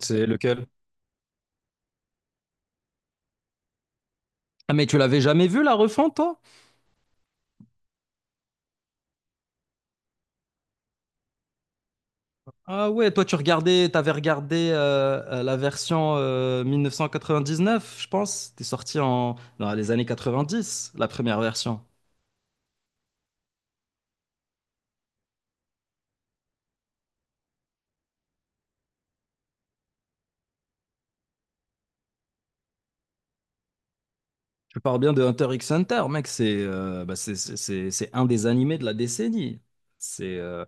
C'est lequel? Ah, mais tu l'avais jamais vu la refonte, toi? Ah ouais, toi tu regardais, t'avais regardé la version 1999, je pense. C'était sorti en dans les années 90, la première version. Je parle bien de Hunter x Hunter, mec. C'est c'est un des animés de la décennie. C'est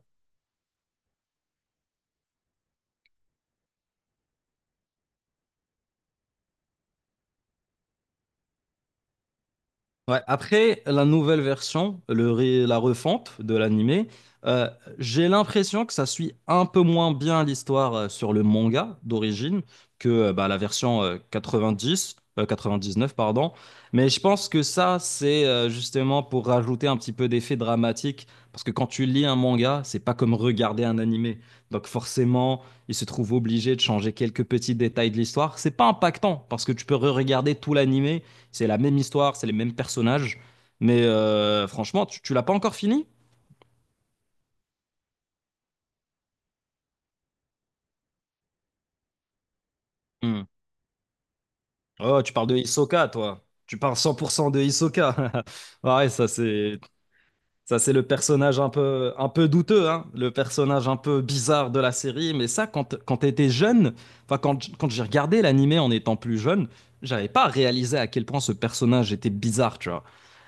Ouais, après la nouvelle version, la refonte de l'animé, euh, j'ai l'impression que ça suit un peu moins bien l'histoire sur le manga d'origine que la version 90, neuf pardon. Mais je pense que ça, c'est justement pour rajouter un petit peu d'effet dramatique, parce que quand tu lis un manga, c'est pas comme regarder un animé. Donc forcément, il se trouve obligé de changer quelques petits détails de l'histoire. C'est pas impactant, parce que tu peux re-regarder tout l'animé, c'est la même histoire, c'est les mêmes personnages. Mais franchement, tu l'as pas encore fini? Hmm. Oh, tu parles de Hisoka, toi. Tu parles 100% de Hisoka. Ouais, ça c'est. Ça, c'est le personnage un peu douteux, hein, le personnage un peu bizarre de la série. Mais ça, quand t'étais jeune, enfin, quand, quand j'ai regardé l'animé en étant plus jeune, j'avais pas réalisé à quel point ce personnage était bizarre, tu vois.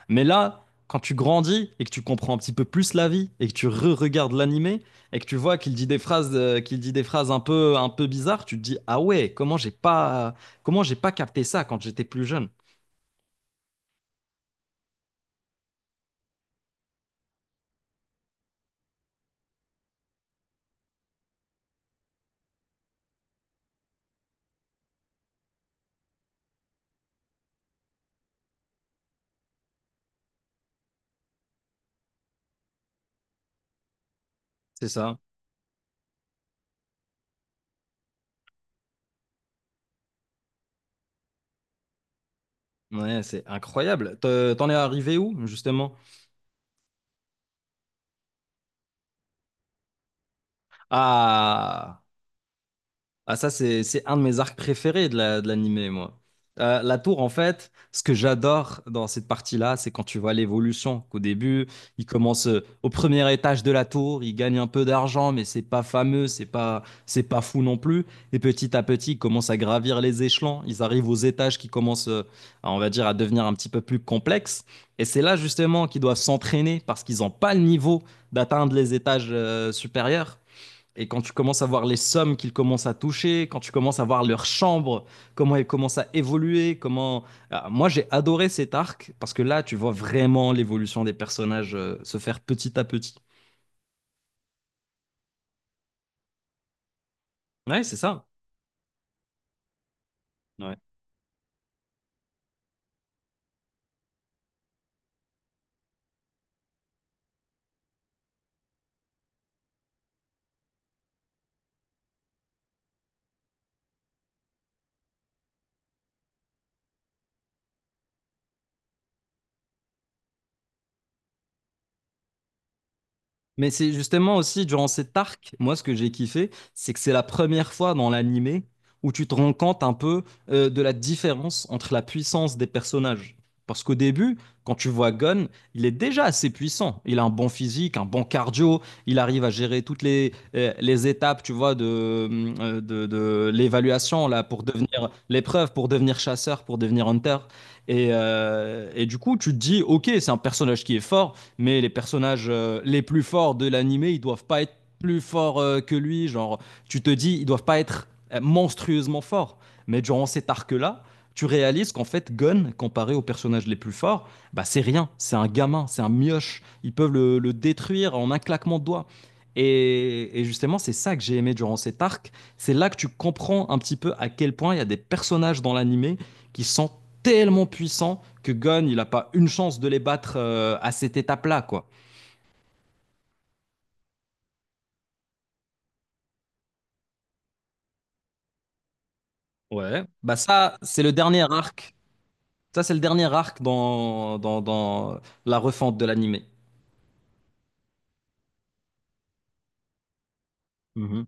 Mais là, quand tu grandis et que tu comprends un petit peu plus la vie et que tu re-regardes l'animé et que tu vois qu'il dit des phrases, qu'il dit des phrases un peu bizarres, tu te dis, ah ouais, comment j'ai pas capté ça quand j'étais plus jeune? C'est ça. Ouais, c'est incroyable. T'en es arrivé où, justement? Ah, ah ça c'est un de mes arcs préférés de la, de l'animé, moi. La tour, en fait, ce que j'adore dans cette partie-là, c'est quand tu vois l'évolution. Qu'au début, il commence au premier étage de la tour, il gagne un peu d'argent, mais c'est pas fameux, c'est pas fou non plus. Et petit à petit, ils commencent à gravir les échelons. Ils arrivent aux étages qui commencent, à, on va dire, à devenir un petit peu plus complexes. Et c'est là justement qu'ils doivent s'entraîner parce qu'ils n'ont pas le niveau d'atteindre les étages supérieurs. Et quand tu commences à voir les sommes qu'ils commencent à toucher, quand tu commences à voir leur chambre, comment elles commencent à évoluer, comment... Ah, moi, j'ai adoré cet arc parce que là, tu vois vraiment l'évolution des personnages se faire petit à petit. Ouais, c'est ça. Ouais. Mais c'est justement aussi durant cet arc, moi ce que j'ai kiffé, c'est que c'est la première fois dans l'animé où tu te rends compte un peu de la différence entre la puissance des personnages. Parce qu'au début, quand tu vois Gon, il est déjà assez puissant. Il a un bon physique, un bon cardio, il arrive à gérer toutes les étapes, tu vois, de l'évaluation là pour devenir l'épreuve, pour devenir chasseur, pour devenir hunter. Et du coup, tu te dis, ok, c'est un personnage qui est fort, mais les personnages les plus forts de l'animé, ils doivent pas être plus forts que lui. Genre, tu te dis, ils doivent pas être monstrueusement forts. Mais durant cet arc-là, tu réalises qu'en fait, Gon, comparé aux personnages les plus forts, bah, c'est rien. C'est un gamin, c'est un mioche. Ils peuvent le détruire en un claquement de doigts. Et justement, c'est ça que j'ai aimé durant cet arc. C'est là que tu comprends un petit peu à quel point il y a des personnages dans l'animé qui sont tellement puissants que Gunn, il n'a pas une chance de les battre à cette étape-là, quoi. Ouais. Bah ça, c'est le dernier arc. Ça, c'est le dernier arc dans la refonte de l'anime. Mhm.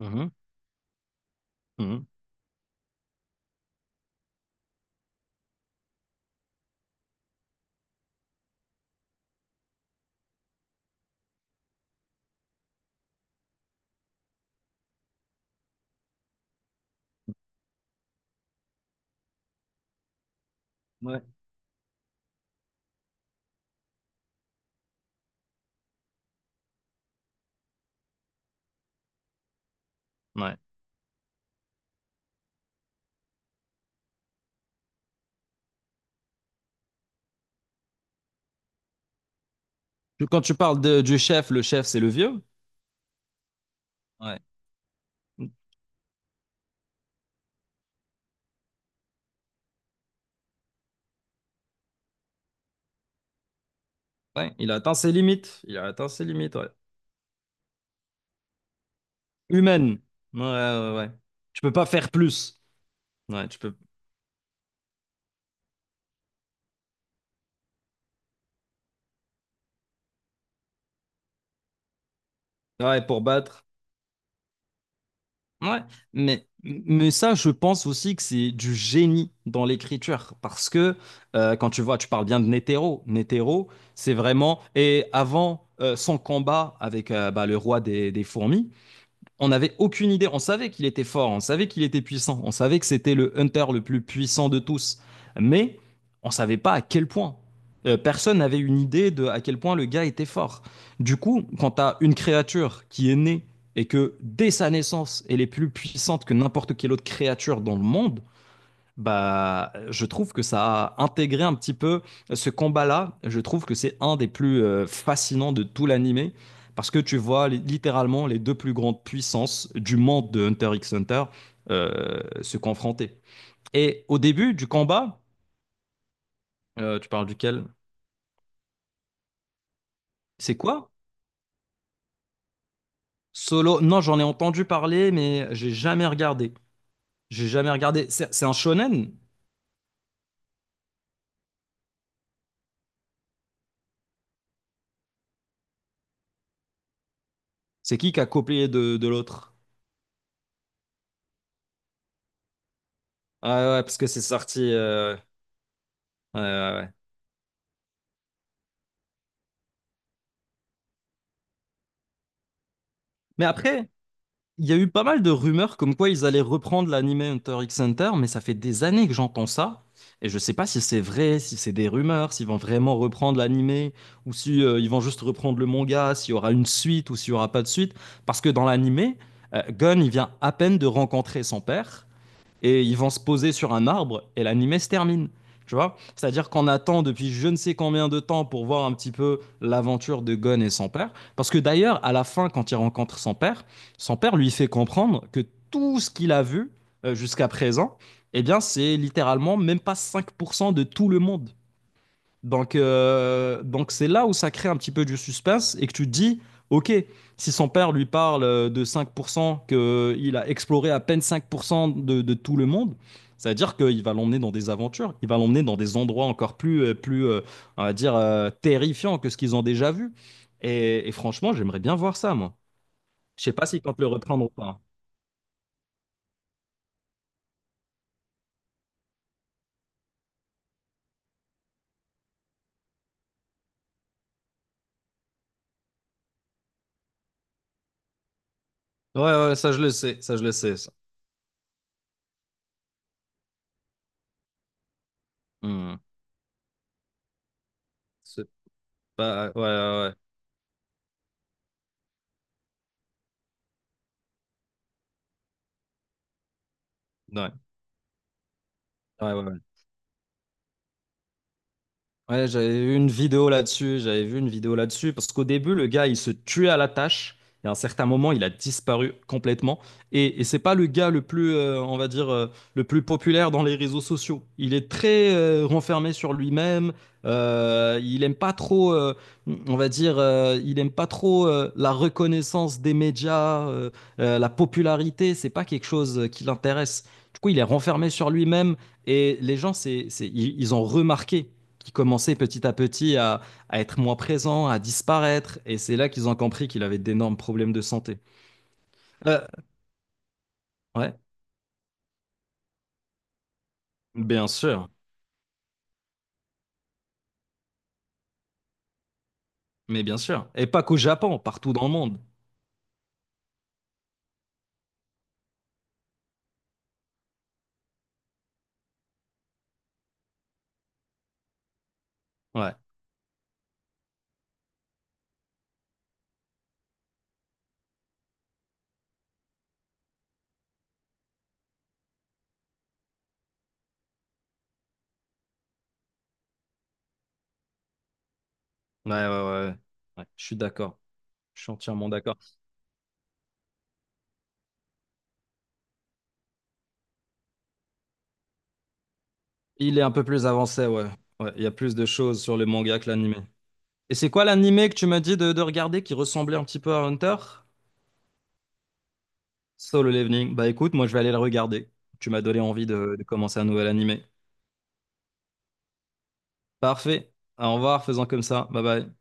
Mhm. Mhm. Ouais. Ouais. Quand tu parles de- du chef, le chef, c'est le vieux. Ouais. Ouais, il a atteint ses limites. Il a atteint ses limites, ouais. Humaine. Ouais, ouais, ouais. Tu peux pas faire plus. Ouais, tu peux... Ouais, pour battre... Ouais, mais ça, je pense aussi que c'est du génie dans l'écriture. Parce que quand tu vois, tu parles bien de Netero. Netero, c'est vraiment. Et avant son combat avec le roi des fourmis, on n'avait aucune idée. On savait qu'il était fort, on savait qu'il était puissant, on savait que c'était le hunter le plus puissant de tous, mais on savait pas à quel point. Personne n'avait une idée de à quel point le gars était fort. Du coup, quand tu as une créature qui est née et que dès sa naissance, elle est plus puissante que n'importe quelle autre créature dans le monde, bah, je trouve que ça a intégré un petit peu ce combat-là. Je trouve que c'est un des plus fascinants de tout l'animé parce que tu vois littéralement les deux plus grandes puissances du monde de Hunter x Hunter se confronter. Et au début du combat, tu parles duquel? C'est quoi? Solo? Non, j'en ai entendu parler, mais j'ai jamais regardé. J'ai jamais regardé. C'est un shonen? C'est qui a copié de l'autre? Ah ouais, parce que c'est sorti. Ouais, ouais, ouais. Mais après. Il y a eu pas mal de rumeurs comme quoi ils allaient reprendre l'anime Hunter x Hunter, mais ça fait des années que j'entends ça. Et je sais pas si c'est vrai, si c'est des rumeurs, s'ils vont vraiment reprendre l'anime, ou si ils vont juste reprendre le manga, s'il y aura une suite ou s'il y aura pas de suite. Parce que dans l'anime, Gon, il vient à peine de rencontrer son père et ils vont se poser sur un arbre et l'animé se termine. Tu vois. C'est-à-dire qu'on attend depuis je ne sais combien de temps pour voir un petit peu l'aventure de Gon et son père. Parce que d'ailleurs, à la fin, quand il rencontre son père lui fait comprendre que tout ce qu'il a vu jusqu'à présent, eh bien, c'est littéralement même pas 5% de tout le monde. Donc c'est là où ça crée un petit peu du suspense et que tu te dis, ok, si son père lui parle de 5%, qu'il a exploré à peine 5% de tout le monde, ça veut dire qu'il va l'emmener dans des aventures, il va l'emmener dans des endroits encore plus, plus on va dire, terrifiants que ce qu'ils ont déjà vu. Et franchement, j'aimerais bien voir ça, moi. Je sais pas si compte le reprendre ou pas. Ouais, ouais, ça je le sais, ça je le sais, ça. Hmm. C'est pas... Ouais, ouais, ouais. Ouais, ouais, ouais. Ouais, j'avais vu une vidéo là-dessus, j'avais vu une vidéo là-dessus, parce qu'au début, le gars, il se tuait à la tâche, et à un certain moment, il a disparu complètement. Et c'est pas le gars le plus, on va dire, le plus populaire dans les réseaux sociaux. Il est très renfermé sur lui-même, il aime pas trop, on va dire, il aime pas trop la reconnaissance des médias, la popularité, c'est pas quelque chose qui l'intéresse. Du coup, il est renfermé sur lui-même, et les gens, ils ont remarqué qui commençaient petit à petit à être moins présents, à disparaître. Et c'est là qu'ils ont compris qu'il avait d'énormes problèmes de santé. Euh, ouais, bien sûr. Mais bien sûr. Et pas qu'au Japon, partout dans le monde. Ouais, ouais, ouais, ouais. Ouais, je suis d'accord. Je suis entièrement d'accord. Il est un peu plus avancé, ouais. Ouais, il y a plus de choses sur le manga que l'anime. Et c'est quoi l'anime que tu m'as dit de regarder qui ressemblait un petit peu à Hunter? Solo Leveling. Bah écoute, moi je vais aller le regarder. Tu m'as donné envie de commencer un nouvel animé. Parfait. Au revoir, faisant comme ça. Bye bye.